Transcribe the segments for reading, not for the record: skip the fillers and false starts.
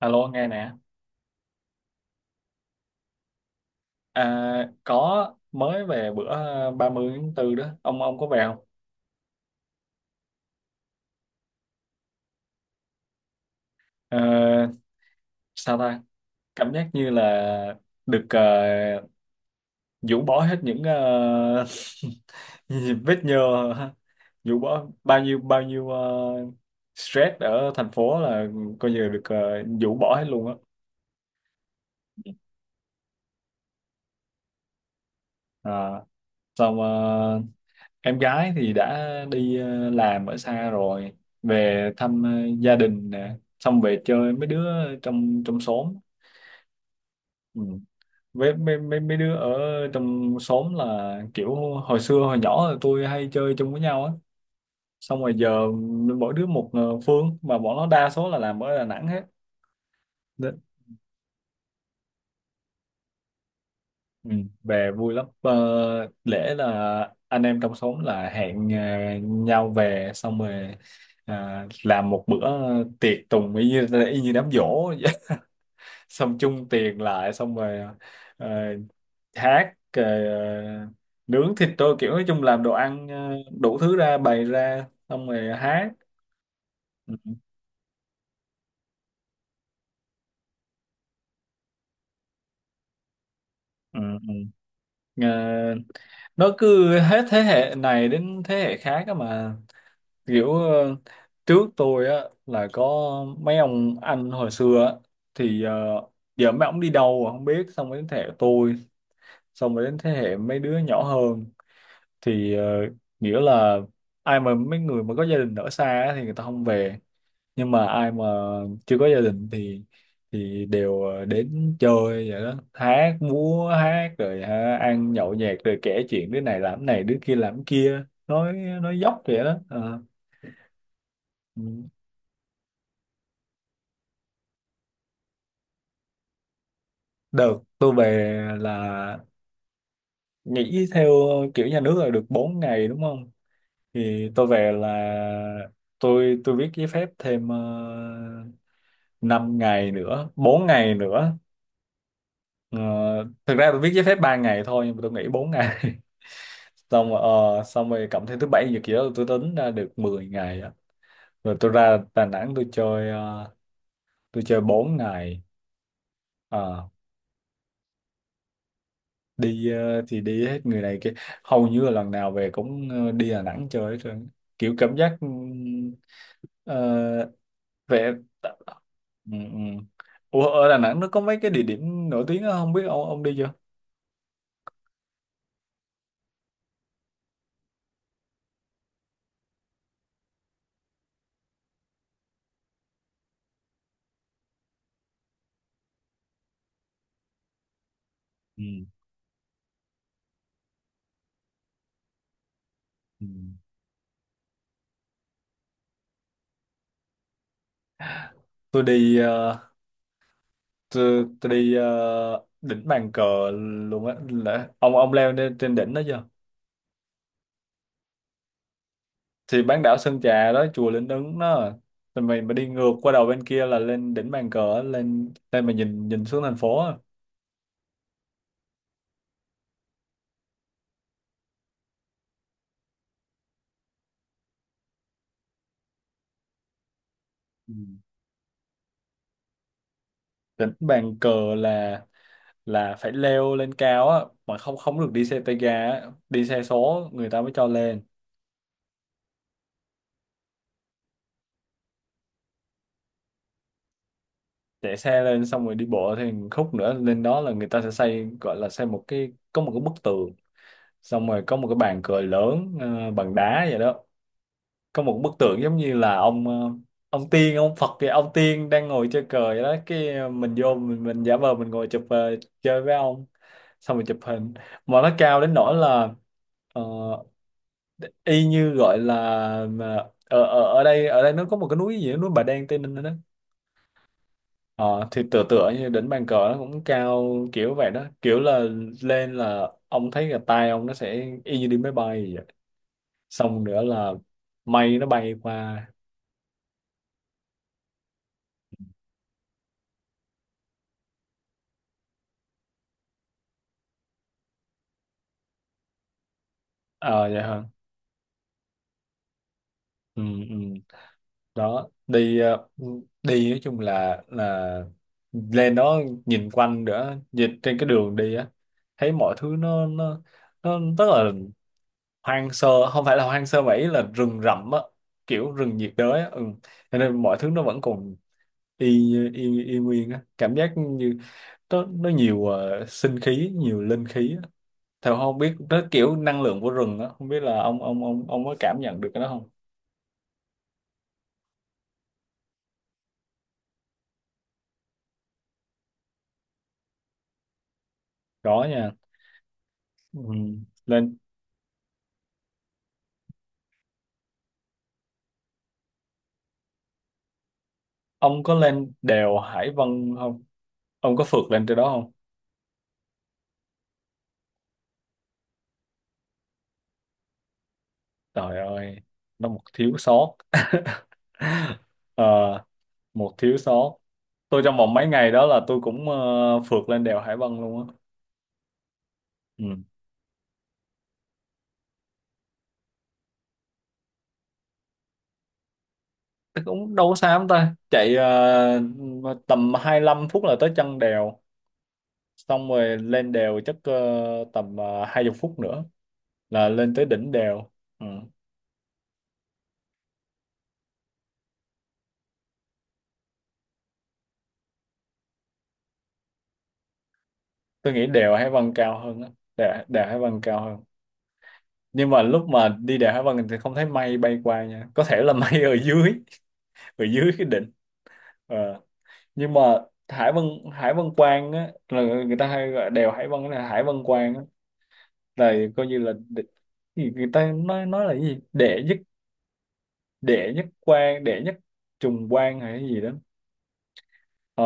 Alo nghe nè. Có mới về bữa 30 tháng 4 đó, ông có về không? Ờ, Sao ta, cảm giác như là được rũ bỏ hết những vết nhơ, rũ bỏ bao nhiêu stress ở thành phố, là coi như là được rũ bỏ hết luôn á. à, Xong em gái thì đã đi làm ở xa rồi, về thăm gia đình nè, xong về chơi mấy đứa trong trong xóm. Ừ. Với mấy, mấy mấy đứa ở trong xóm là kiểu hồi xưa hồi nhỏ là tôi hay chơi chung với nhau á, xong rồi giờ mỗi đứa một phương, mà bọn nó đa số là làm ở Đà Nẵng hết. Ừ, về vui lắm. Ờ, Lễ là anh em trong xóm là hẹn nhau về, xong rồi làm một bữa tiệc tùng y như đám giỗ vậy. Xong chung tiền lại, xong rồi ờ, hát, nướng thịt, tôi kiểu nói chung làm đồ ăn đủ thứ ra, bày ra xong rồi hát. Ừ, ừ, ừ. Ờ, nó cứ hết thế hệ này đến thế hệ khác á mà, kiểu trước tôi á là có mấy ông anh hồi xưa á, thì giờ mấy ông đi đâu rồi không biết, xong rồi đến thế hệ tôi, xong rồi đến thế hệ mấy đứa nhỏ hơn, thì nghĩa là ai mà mấy người mà có gia đình ở xa á thì người ta không về, nhưng mà ai mà chưa có gia đình thì đều đến chơi vậy đó, hát múa hát rồi ha, ăn nhậu nhẹt rồi kể chuyện đứa này làm cái này, đứa kia làm cái kia, nói dốc vậy đó. Ờ. Ừ. Được, tôi về là nghỉ theo kiểu nhà nước là được 4 ngày đúng không? Thì tôi về là tôi viết giấy phép thêm 5 ngày nữa, 4 ngày nữa. Ờ, thực ra tôi viết giấy phép 3 ngày thôi nhưng mà tôi nghỉ 4 ngày. Xong rồi, xong rồi cộng thêm thứ bảy nhật gì đó tôi tính ra được 10 ngày á. Rồi tôi ra Đà Nẵng tôi chơi tôi chơi 4 ngày. Ờ. Đi thì đi hết người này kia, hầu như là lần nào về cũng đi Đà Nẵng chơi hết trơn, kiểu cảm giác ờ, về. Ừ, ừ. Ủa, ở Đà Nẵng nó có mấy cái địa điểm nổi tiếng đó, không biết ông đi chưa? Ừ, ừ. Tôi đi tôi đi đỉnh Bàn Cờ luôn á. Là- ông leo lên trên đỉnh đó chưa? Thì bán đảo Sơn Trà đó, chùa Linh Ứng đó, rồi mình mà đi ngược qua đầu bên kia là lên đỉnh Bàn Cờ á, lên lên mà nhìn nhìn xuống thành phố á. Đánh bàn cờ là là phải leo lên cao á, mà không không được đi xe tay ga á. Đi xe số người ta mới cho lên. Chạy xe lên xong rồi đi bộ thì khúc nữa lên đó, là người ta sẽ xây, gọi là xây một cái, có một cái bức tường, xong rồi có một cái bàn cờ lớn bằng đá vậy đó. Có một bức tượng giống như là ông ông tiên ông Phật kìa, ông tiên đang ngồi chơi cờ vậy đó, cái mình vô mình giả vờ mình ngồi chụp chơi với ông, xong rồi chụp hình. Mà nó cao đến nỗi là ờ, y như gọi là, mà ở ở ở đây nó có một cái núi gì đó, núi Bà Đen Tây Ninh đó. Ờ, thì tựa tựa như đỉnh bàn cờ nó cũng cao kiểu vậy đó, kiểu là lên là ông thấy là tay ông nó sẽ y như đi máy bay vậy. Xong nữa là mây nó bay qua. Ờ vậy hả. Ừ, ừ. Đó đi đi nói chung là lên đó nhìn quanh nữa, nhìn trên cái đường đi á, thấy mọi thứ nó nó rất là hoang sơ, không phải là hoang sơ mà ý là rừng rậm á, kiểu rừng nhiệt đới á. Ừ. Cho nên mọi thứ nó vẫn còn y y nguyên á, cảm giác như nó nhiều sinh khí, nhiều linh khí á theo, không biết nó kiểu năng lượng của rừng á, không biết là ông có cảm nhận được cái đó không? Có nha. Ừ. lên ông có lên đèo Hải Vân không, ông có phượt lên trên đó không? Trời ơi, nó một thiếu sót. Ờ, một thiếu sót. Tôi trong vòng mấy ngày đó là tôi cũng phượt lên đèo Hải Vân luôn á. Ừ. Thế cũng đâu có xa lắm ta, chạy tầm 25 phút là tới chân đèo, xong rồi lên đèo chắc tầm 20 phút nữa là lên tới đỉnh đèo. Ừ. Tôi nghĩ đèo Hải Vân cao hơn á, đèo Hải Vân cao hơn. Nhưng mà lúc mà đi đèo Hải Vân thì không thấy mây bay qua nha, có thể là mây ở dưới, ở dưới cái đỉnh. Ờ. Nhưng mà Hải Vân Hải Vân Quan á, là người ta hay gọi đèo Hải Vân là Hải Vân Quan á, là coi như là đ- thì người ta nói là cái gì đệ nhất, đệ nhất quan, đệ nhất trùng quan hay cái gì đó. Ờ,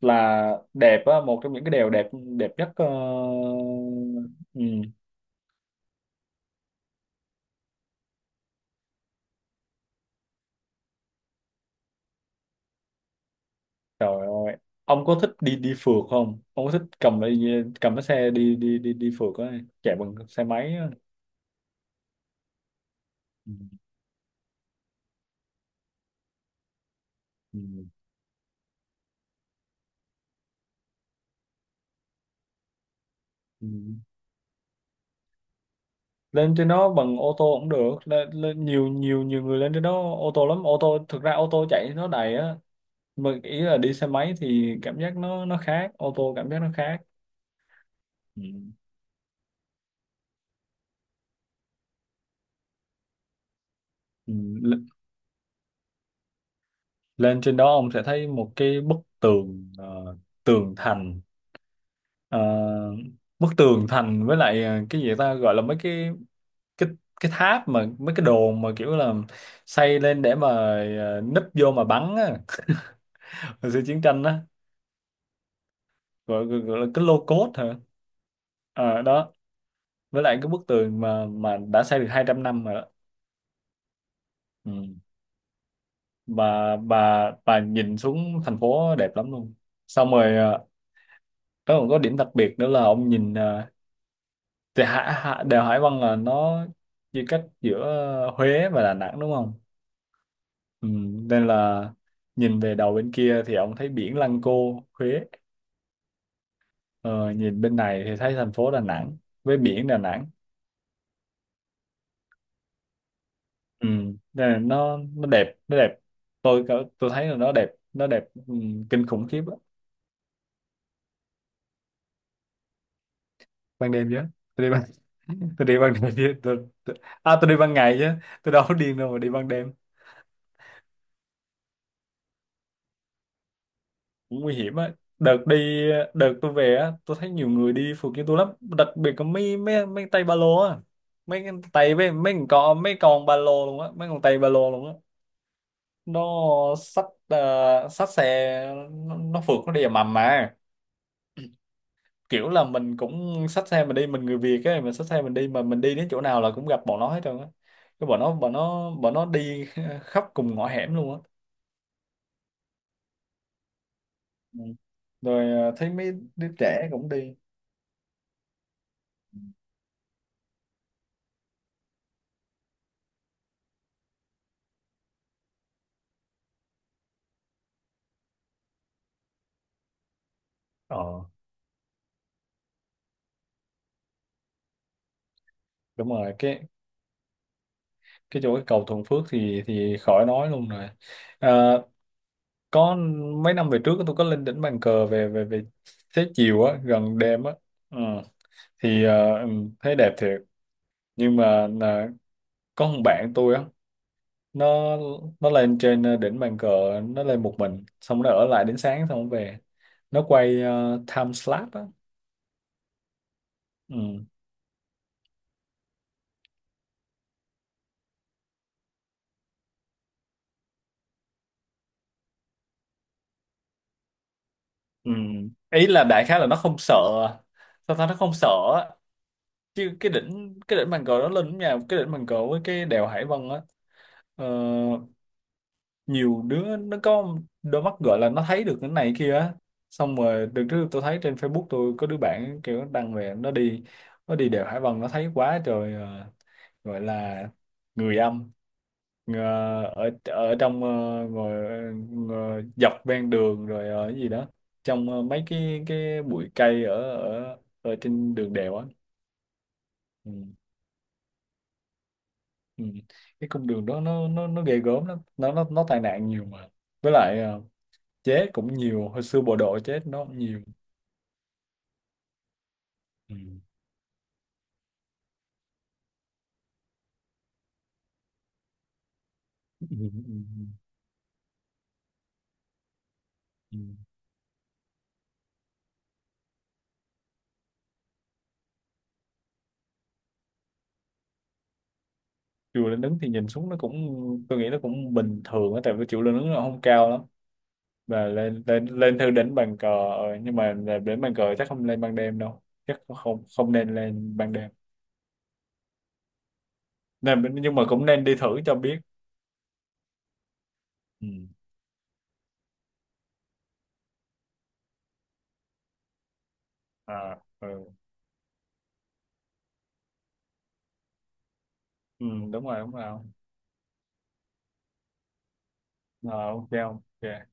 là đẹp á, một trong những cái đèo đẹp, đẹp nhất ừ. Trời ơi, ông có thích đi đi phượt không, ông có thích cầm cái xe đi đi đi đi phượt á, chạy bằng xe máy á? Ừ, ừ, ừ. Lên trên đó bằng ô tô cũng được, lên nhiều nhiều nhiều người lên trên đó ô tô lắm, ô tô thực ra ô tô chạy nó đầy á, mà ý là đi xe máy thì cảm giác nó khác, ô tô cảm giác nó khác. Ừ. Ừ. L- lên trên đó ông sẽ thấy một cái bức tường tường thành. Ờ, bức tường thành với lại cái gì ta, gọi là mấy cái cái cái tháp, mà mấy cái đồn mà kiểu là xây lên để mà núp vô mà bắn á hồi xưa chiến tranh á. Gọi là cái lô cốt hả. À, đó, với lại cái bức tường mà đã xây được 200 năm rồi đó. Ừ. bà nhìn xuống thành phố đẹp lắm luôn, xong rồi nó còn có điểm đặc biệt nữa là ông nhìn thì Hạ, Hạ, đèo Hải Vân là nó chia cách giữa Huế và Đà Nẵng đúng không. Ừ. Nên là nhìn về đầu bên kia thì ông thấy biển Lăng Cô Huế, ờ, nhìn bên này thì thấy thành phố Đà Nẵng với biển Đà Nẵng. Ừ. Nên là nó đẹp, nó đẹp. Tôi cỡ- tôi thấy là nó đẹp, nó đẹp, ừ, kinh khủng khiếp á. Ban đêm chứ, tôi đi ban tôi đi ban đêm chứ tôi, à tôi đi ban ngày chứ, tôi đâu có điên đâu mà đi ban đêm. Cũng nguy hiểm á. đợt đi Đợt tôi về á tôi thấy nhiều người đi phượt như tôi lắm, đặc biệt có mấy mấy mấy tay ba lô á, mấy cái tay với mấy con ba lô luôn á, mấy con tay ba lô luôn á. Nó xách xách xe nó phượt, nó đi ầm ầm mà kiểu là mình cũng xách xe mình đi, mình người Việt ấy, mình xách xe mình đi mà mình đi đến chỗ nào là cũng gặp bọn nó hết trơn á, cái bọn nó đi khắp cùng ngõ hẻm luôn á. Ừ. Rồi thấy mấy đứa trẻ cũng đi. Ờ đúng rồi, cái chỗ cái cầu Thuận Phước thì khỏi nói luôn rồi. à, có mấy năm về trước tôi có lên đỉnh bàn cờ về về về xế chiều á, gần đêm á. Ừ. Thì ừ, thấy đẹp thiệt, nhưng mà là có một bạn tôi á. nó nó lên trên đỉnh bàn cờ, nó lên một mình xong nó ở lại đến sáng xong nó về, nó quay time slap á. Ừ. Ừ. Ý là đại khái là nó không sợ, sao ta, nó không sợ á. Chứ cái đỉnh bàn cờ nó lên nhà, cái đỉnh bàn cờ với cái đèo Hải Vân á, ờ, nhiều đứa nó có đôi mắt gọi là nó thấy được cái này kia á. Xong rồi đợt trước tôi thấy trên Facebook tôi có đứa bạn kiểu đăng về nó đi đèo Hải Vân nó thấy quá trời gọi là người âm ờ, ở ở trong ngồi dọc ven đường, rồi ở cái gì đó trong mấy cái bụi cây ở ở ở trên đường đèo á. Ừ. Ừ. Cái cung đường đó nó ghê gớm lắm, nó tai nạn nhiều mà với lại chết cũng nhiều, hồi xưa bộ đội chết nó cũng nhiều. Ừ. Ừ. Ừ. Ừ. Ừ. Chùa Linh Ứng thì nhìn xuống nó cũng, tôi nghĩ nó cũng bình thường á, tại vì chùa Linh Ứng nó không cao lắm. Và lên lên lên thư đến bàn cờ nhưng mà là đến bàn cờ chắc không lên ban đêm đâu, chắc không không nên lên ban đêm. Nên nhưng mà cũng nên đi thử cho biết. Ừ. À, ừ. Ừ đúng rồi, đúng rồi. Ờ, ok không? Ok.